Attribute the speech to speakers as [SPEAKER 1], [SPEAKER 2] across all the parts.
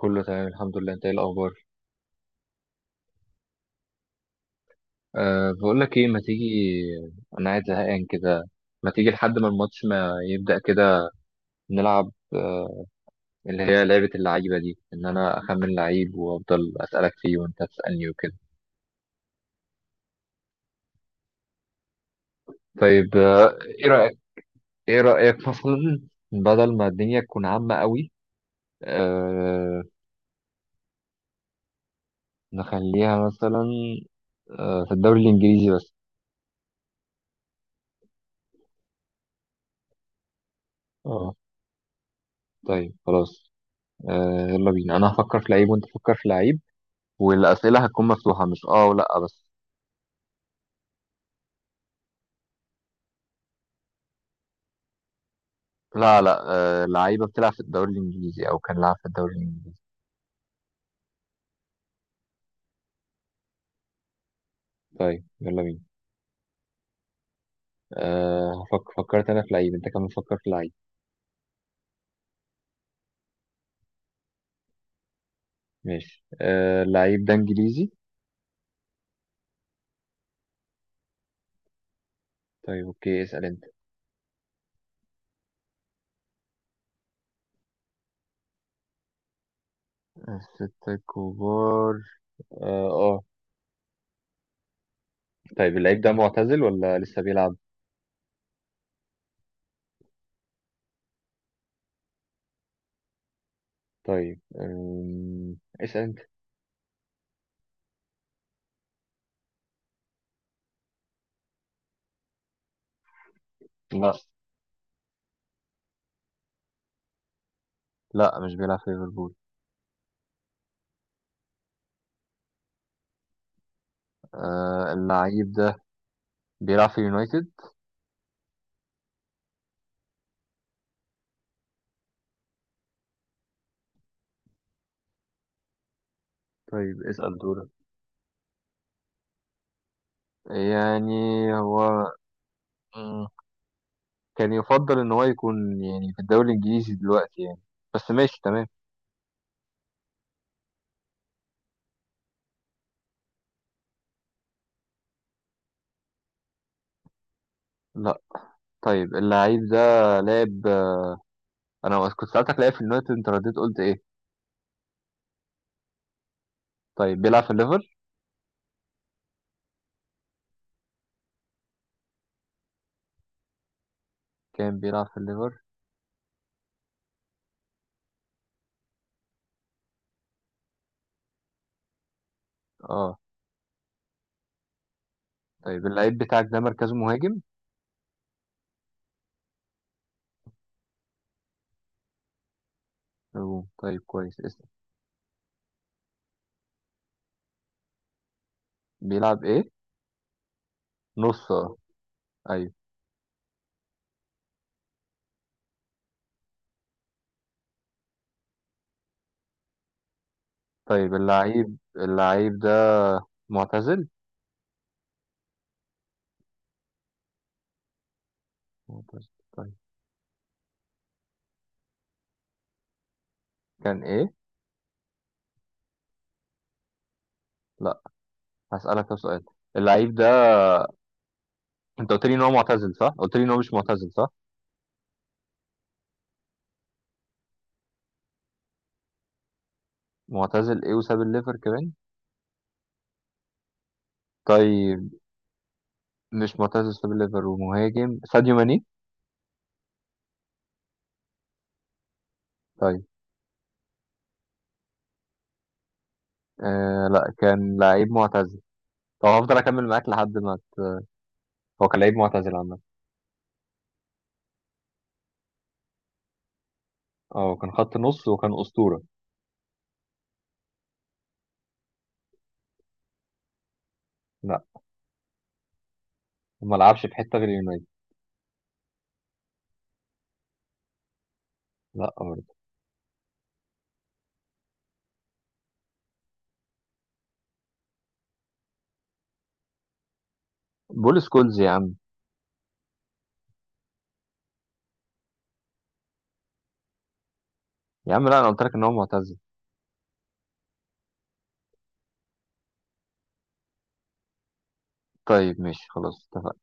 [SPEAKER 1] كله تمام، الحمد لله. انت ايه الاخبار؟ أه، بقول لك ايه، ما تيجي. انا قاعد زهقان كده. ما تيجي لحد ما الماتش ما يبدأ كده نلعب، اللي هي لعبة اللعيبة دي ان انا اخمن لعيب وافضل اسألك فيه وانت تسألني وكده. طيب، ايه رأيك؟ ايه رأيك مثلا؟ بدل ما الدنيا تكون عامة قوي، أه نخليها مثلا، في الدوري الانجليزي بس. اه طيب، خلاص. يلا بينا، انا هفكر في لعيب وانت فكر في لعيب، والأسئلة هتكون مفتوحة، مش اه ولا بس. لا، لا، آه، لعيبة بتلعب في الدوري الإنجليزي أو كان لعب في الدوري الإنجليزي. طيب، يلا بينا. فكرت أنا في لعيب، أنت كمان فكر في لعيب. ماشي، اللعيب ده إنجليزي؟ طيب، أوكي، اسأل أنت. ستة كبار؟ اه، آه. طيب، اللعيب ده معتزل ولا لسه بيلعب؟ طيب، اسأل أنت. لا، لا مش بيلعب في ليفربول. اللعيب ده بيلعب في يونايتد؟ طيب، اسأل دورك. يعني هو كان يفضل ان هو يكون يعني في الدوري الانجليزي دلوقتي يعني. بس ماشي، تمام. لا. طيب، اللعيب ده لعب. انا كنت سألتك لعب في اليونايتد، انت رديت قلت ايه؟ طيب، بيلعب في الليفر؟ كان بيلعب في الليفر. اه. طيب، اللعيب بتاعك ده مركزه مهاجم؟ أوه. طيب، كويس. اسم، بيلعب ايه؟ نص، اه. ايوه. طيب، اللعيب ده معتزل؟ معتزل. طيب، كان ايه؟ لا، هسألك ده سؤال. اللعيب ده، انت قلت لي ان هو معتزل، صح؟ قلت لي ان هو مش معتزل، صح؟ معتزل ايه وساب الليفر كمان؟ طيب. مش معتزل، ساب الليفر، ومهاجم ساديو ماني. طيب. آه، لا، كان لعيب معتزل. طب هفضل اكمل معاك لحد ما هو كان لعيب معتزل عامة. اه، كان خط نص وكان اسطورة. لا، ما لعبش في حتة غير يونايتد. لا، برضه. بول سكولز يا عم. يا عم، لا، انا قلت لك ان هو معتزل. طيب، ماشي، خلاص، اتفقنا.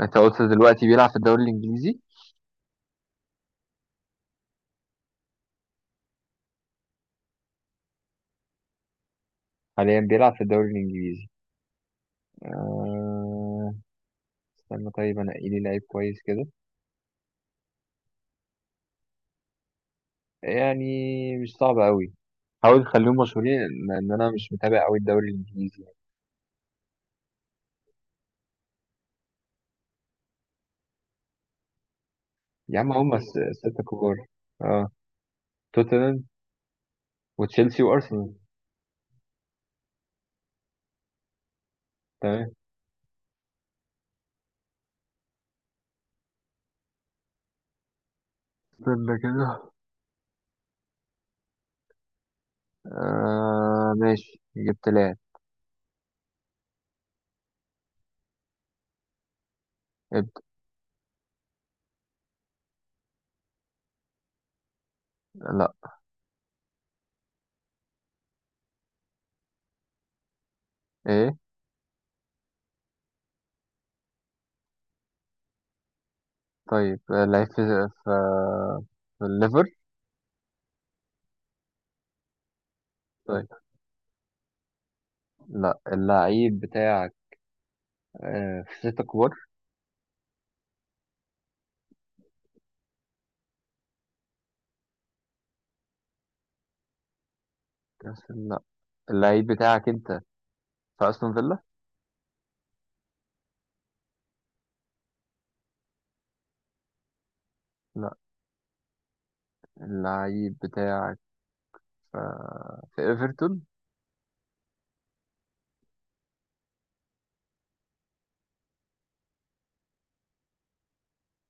[SPEAKER 1] انت قلت دلوقتي بيلعب في الدوري الانجليزي؟ حاليا بيلعب في الدوري الانجليزي. آه... استنى، طيب انا إيه لي لعيب كويس كده؟ يعني مش صعب قوي، حاول تخليهم مشهورين، إن انا مش متابع قوي الدوري الانجليزي. يا عم، هم الستة كبار. اه، توتنهام وتشيلسي وارسنال. تمام. استنى كده. ماشي، جبت لاعب. ابدا. لا. ايه؟ طيب، لعيب في في في الليفر؟ طيب. لا، اللعيب بتاعك في ستة كبار؟ لا، اللعيب بتاعك انت في استون فيلا؟ لا، اللعيب بتاعك في في ايفرتون؟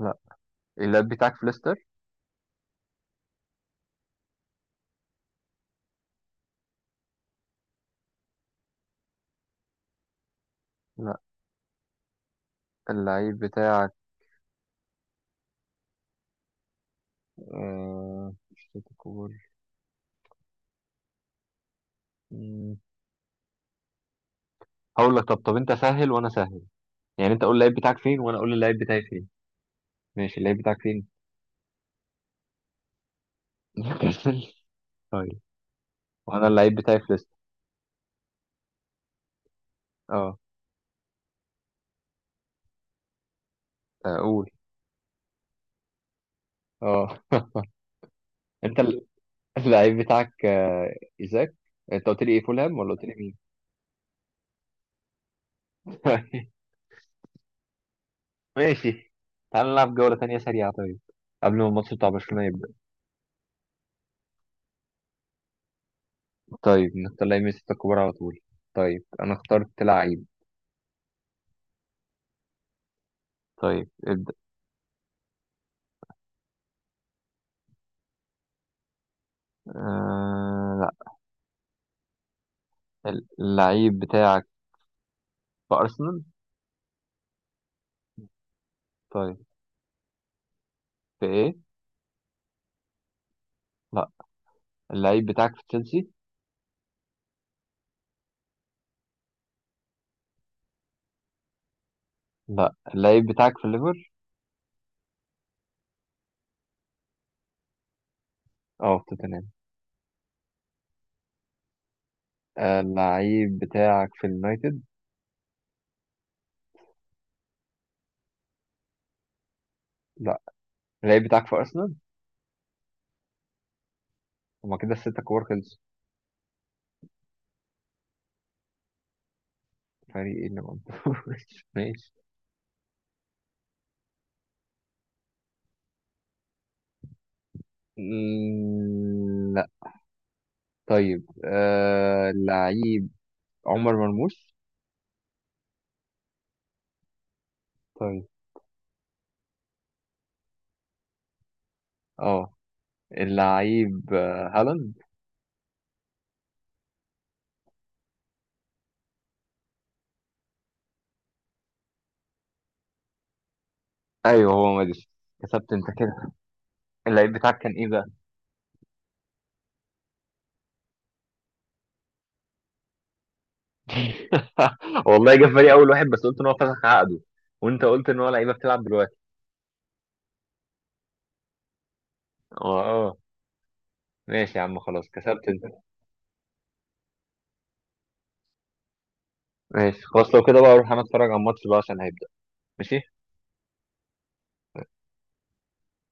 [SPEAKER 1] لا، اللعيب بتاعك في ليستر؟ لا، اللعيب بتاعك، شوت كور. مم. هقول لك، طب، طب انت سهل وانا سهل، يعني انت قول اللعيب بتاعك فين وانا اقول اللعيب بتاعي فين. ماشي، اللعيب بتاعك فين؟ طيب. وانا اللعيب بتاعي في ليستر. اه. آه، قول. اه انت اللعيب بتاعك، ايزاك. انت قلت لي ايه، فولهام ولا قلت لي مين؟ طيب. ماشي. تعال نلعب جولة تانية سريعة، طيب، قبل ما الماتش بتاع برشلونة يبدأ. طيب، نختار لعيب من الستة الكبار على طول. طيب، انا اخترت لعيب. طيب، ابدأ. آه... اللعيب بتاعك في أرسنال؟ طيب، في إيه؟ لا، اللعيب بتاعك في تشيلسي؟ لا، اللعيب بتاعك في الليفر؟ اه، في توتنهام. اللعيب بتاعك في اليونايتد؟ لا، اللعيب بتاعك في أرسنال؟ هما كده الستة كور خلصوا. فريق ايه اللي منطقه؟ ماشي. مم، لا. طيب، اللعيب عمر مرموش؟ طيب. اه، اللعيب هالاند؟ ايوه، هو ماديسون. كسبت انت كده. اللعيب بتاعك كان ايه بقى؟ والله جه في بالي اول واحد، بس قلت ان هو فسخ عقده، وانت قلت ان هو لعيبه بتلعب دلوقتي. اه، اه. ماشي يا عم، خلاص، كسبت انت. ماشي، خلاص، لو كده بقى اروح انا اتفرج على الماتش بقى عشان هيبدأ. ماشي.